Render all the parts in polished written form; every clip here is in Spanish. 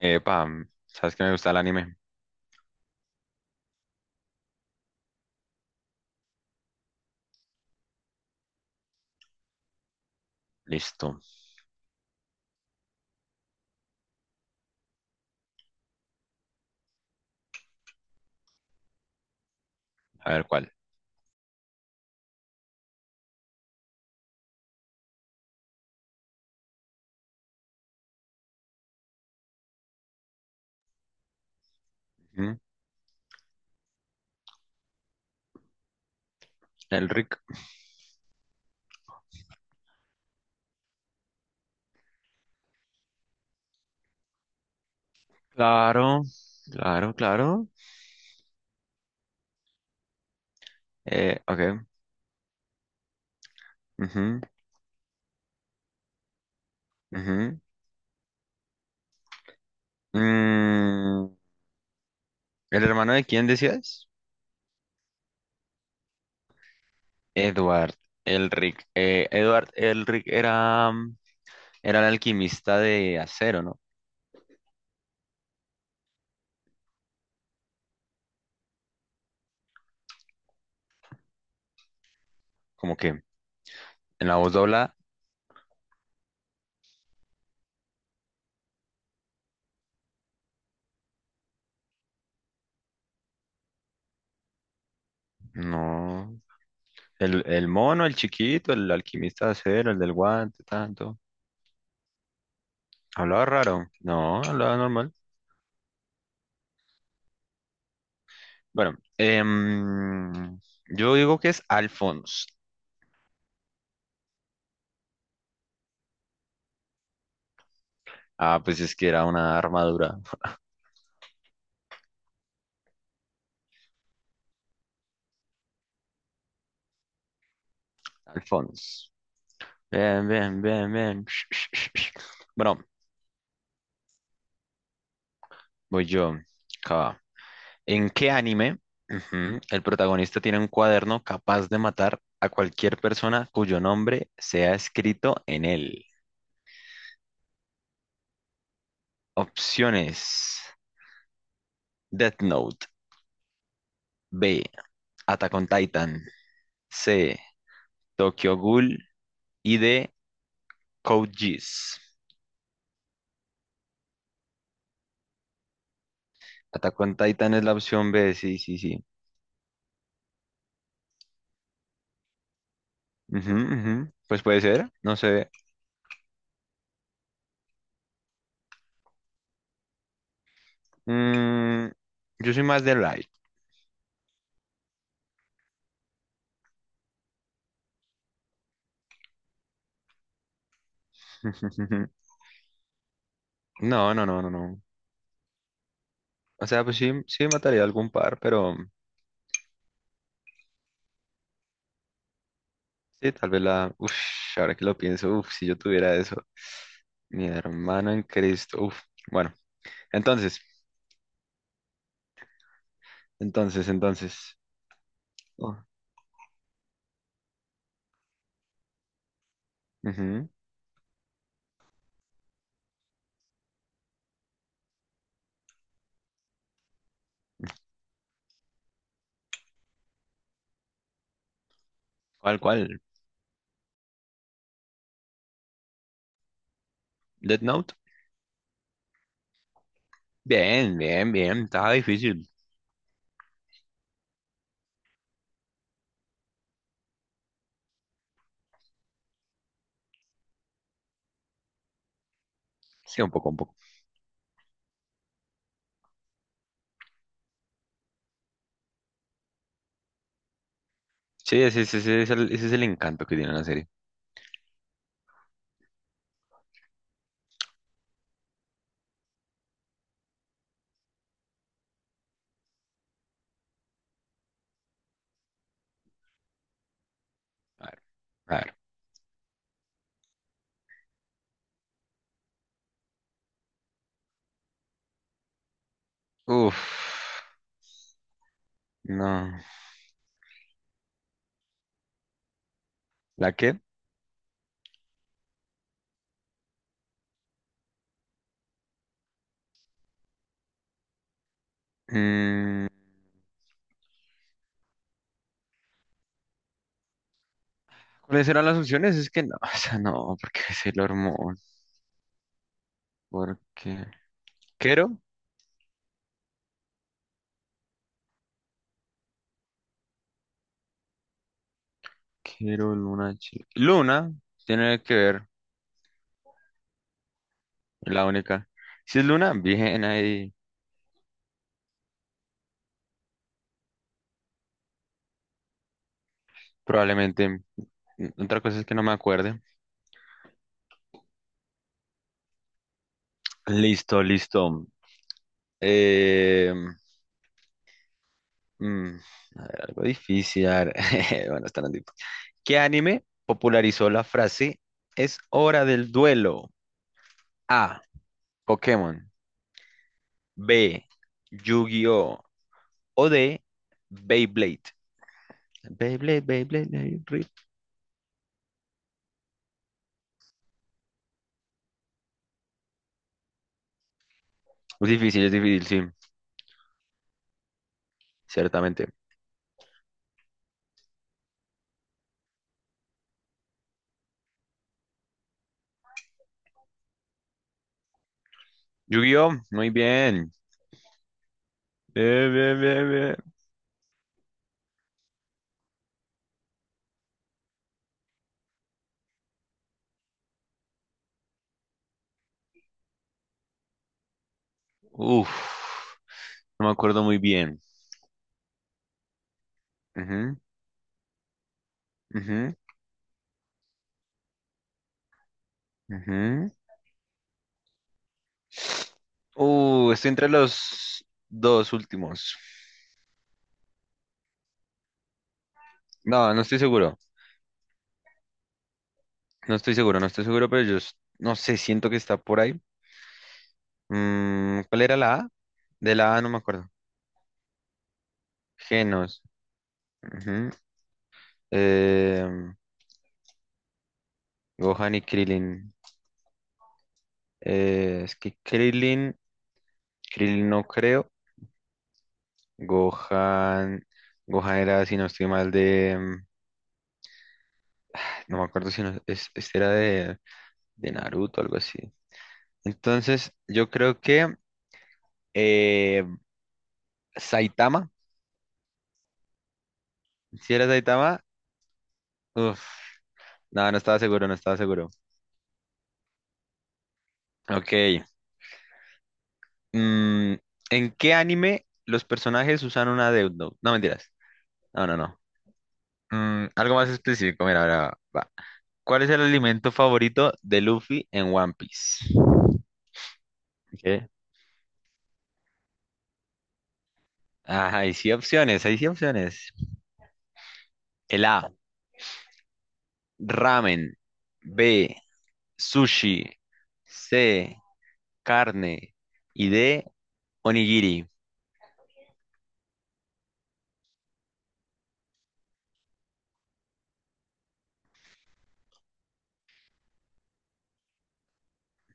Epa, ¿sabes que me gusta el anime? Listo, a ver cuál. Ujú, El Rick. Claro, claro, claro. Ok. Ujú, ujú. Mm, ¿El hermano de quién decías? Edward, el Rick. Edward, el Rick era el alquimista de acero, ¿no? Como que en la voz dobla, no. El mono, el chiquito, el alquimista de acero, el del guante, tanto. Hablaba raro. No, hablaba normal. Bueno, yo digo que es Alphonse. Ah, pues es que era una armadura. Alphonse. Bien, bien, bien, bien. Sh- sh- sh- sh. Bueno, voy yo. Acá va. ¿En qué anime, ujú, el protagonista tiene un cuaderno capaz de matar a cualquier persona cuyo nombre sea escrito en él? Opciones: Death Note, B, Attack on Titan, C. Tokyo Ghoul y de Code Geass. Attack on Titan es la opción B, sí, sí, sí. Ujú, ujú. Pues puede ser, no sé. Mm, yo soy más de Light. No, no, no, no, no. O sea, pues sí, sí mataría algún par, pero sí, tal vez la. Uf, ahora que lo pienso, uf, si yo tuviera eso. Mi hermano en Cristo. Uf, bueno. Entonces, entonces. Oh, ujú. ¿Cuál, cuál? ¿Death Note? Bien, bien, bien. Estaba difícil. Sí, un poco, un poco. Sí, ese es el encanto que tiene la serie. A ver, a ver. Uf, no. ¿La qué? Mm, ¿Cuáles eran las opciones? Es que no, o sea, no, porque es el hormón. Porque. ¿Quiero? Quiero Luna. Luna tiene que ver, es la única. Si es Luna, bien ahí. Probablemente. Otra cosa es que no me acuerde. Listo, listo. Eh, Mm, a ver, algo difícil. A ver, bueno, está difícil. ¿Qué anime popularizó la frase es hora del duelo? A. Pokémon. B. Yu-Gi-Oh! O D. Beyblade. Beyblade, Beyblade, Beyblade. Es difícil, sí, ciertamente. Yu-Gi-Oh! Muy bien. Bien, bien, bien, bien. Uf, no me acuerdo muy bien. Ujú, ujú, ujú. Estoy entre los dos últimos. No, no estoy seguro. No estoy seguro, no estoy seguro, pero no sé, siento que está por ahí. ¿Cuál era la A? De la A no me acuerdo. Genos. Ujú. Eh, Gohan y Krillin. Es que Krillin no creo. Gohan, Gohan era, si no estoy mal, de, no me acuerdo si no, es, este era de Naruto, algo así. Entonces, yo creo que eh, Saitama, si era Saitama, uff, no, no estaba seguro, no estaba seguro. Ok. Mm, ¿En qué anime los personajes usan una deudno? No, mentiras. No, no, no. Algo más específico. Mira, ahora va. ¿Cuál es el alimento favorito de Luffy en One Piece? Ok. Ajá, hay sí opciones, hay sí opciones. El A, ramen. B, sushi. C, carne. Y D, onigiri.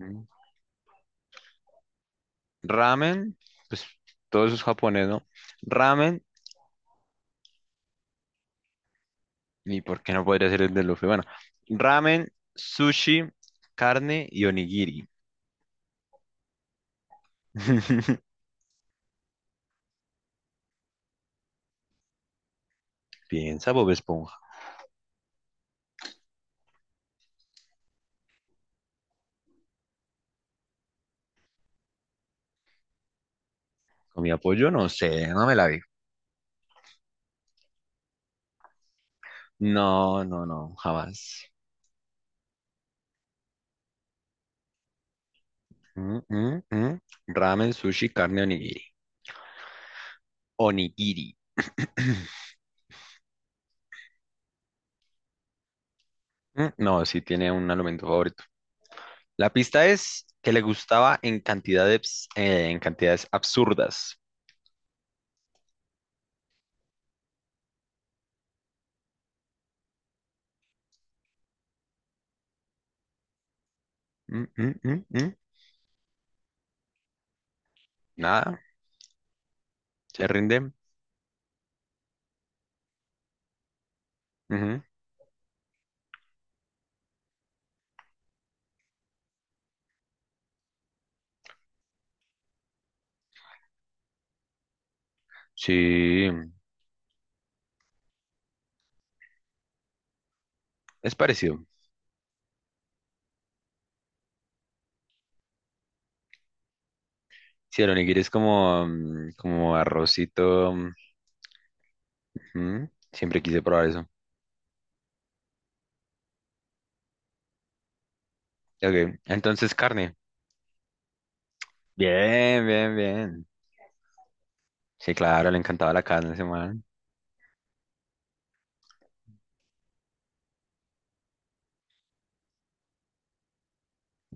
Mm. Ramen, pues todo eso es japonés, ¿no? Ramen. ¿Y por qué no podría ser el de Luffy? Bueno, ramen, sushi, carne y onigiri. Piensa, Bob Esponja. Con mi apoyo, no sé, no me la vi. No, no, no, jamás. Mm, mm, mm. Ramen, sushi, carne, onigiri. Onigiri. No, sí tiene un alimento favorito. La pista es que le gustaba en cantidades absurdas. Mm, mm, mm, mm. Nada, se rinde. Ujú. Sí, es parecido. Sí, el onigiri es como, como arrocito. Mm, ujú. Siempre quise probar eso. Ok, entonces carne. Bien, bien, bien. Sí, claro, le encantaba la carne a ese man.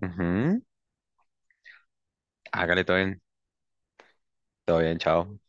Ujú. Hágale todo bien. Todo bien, chao.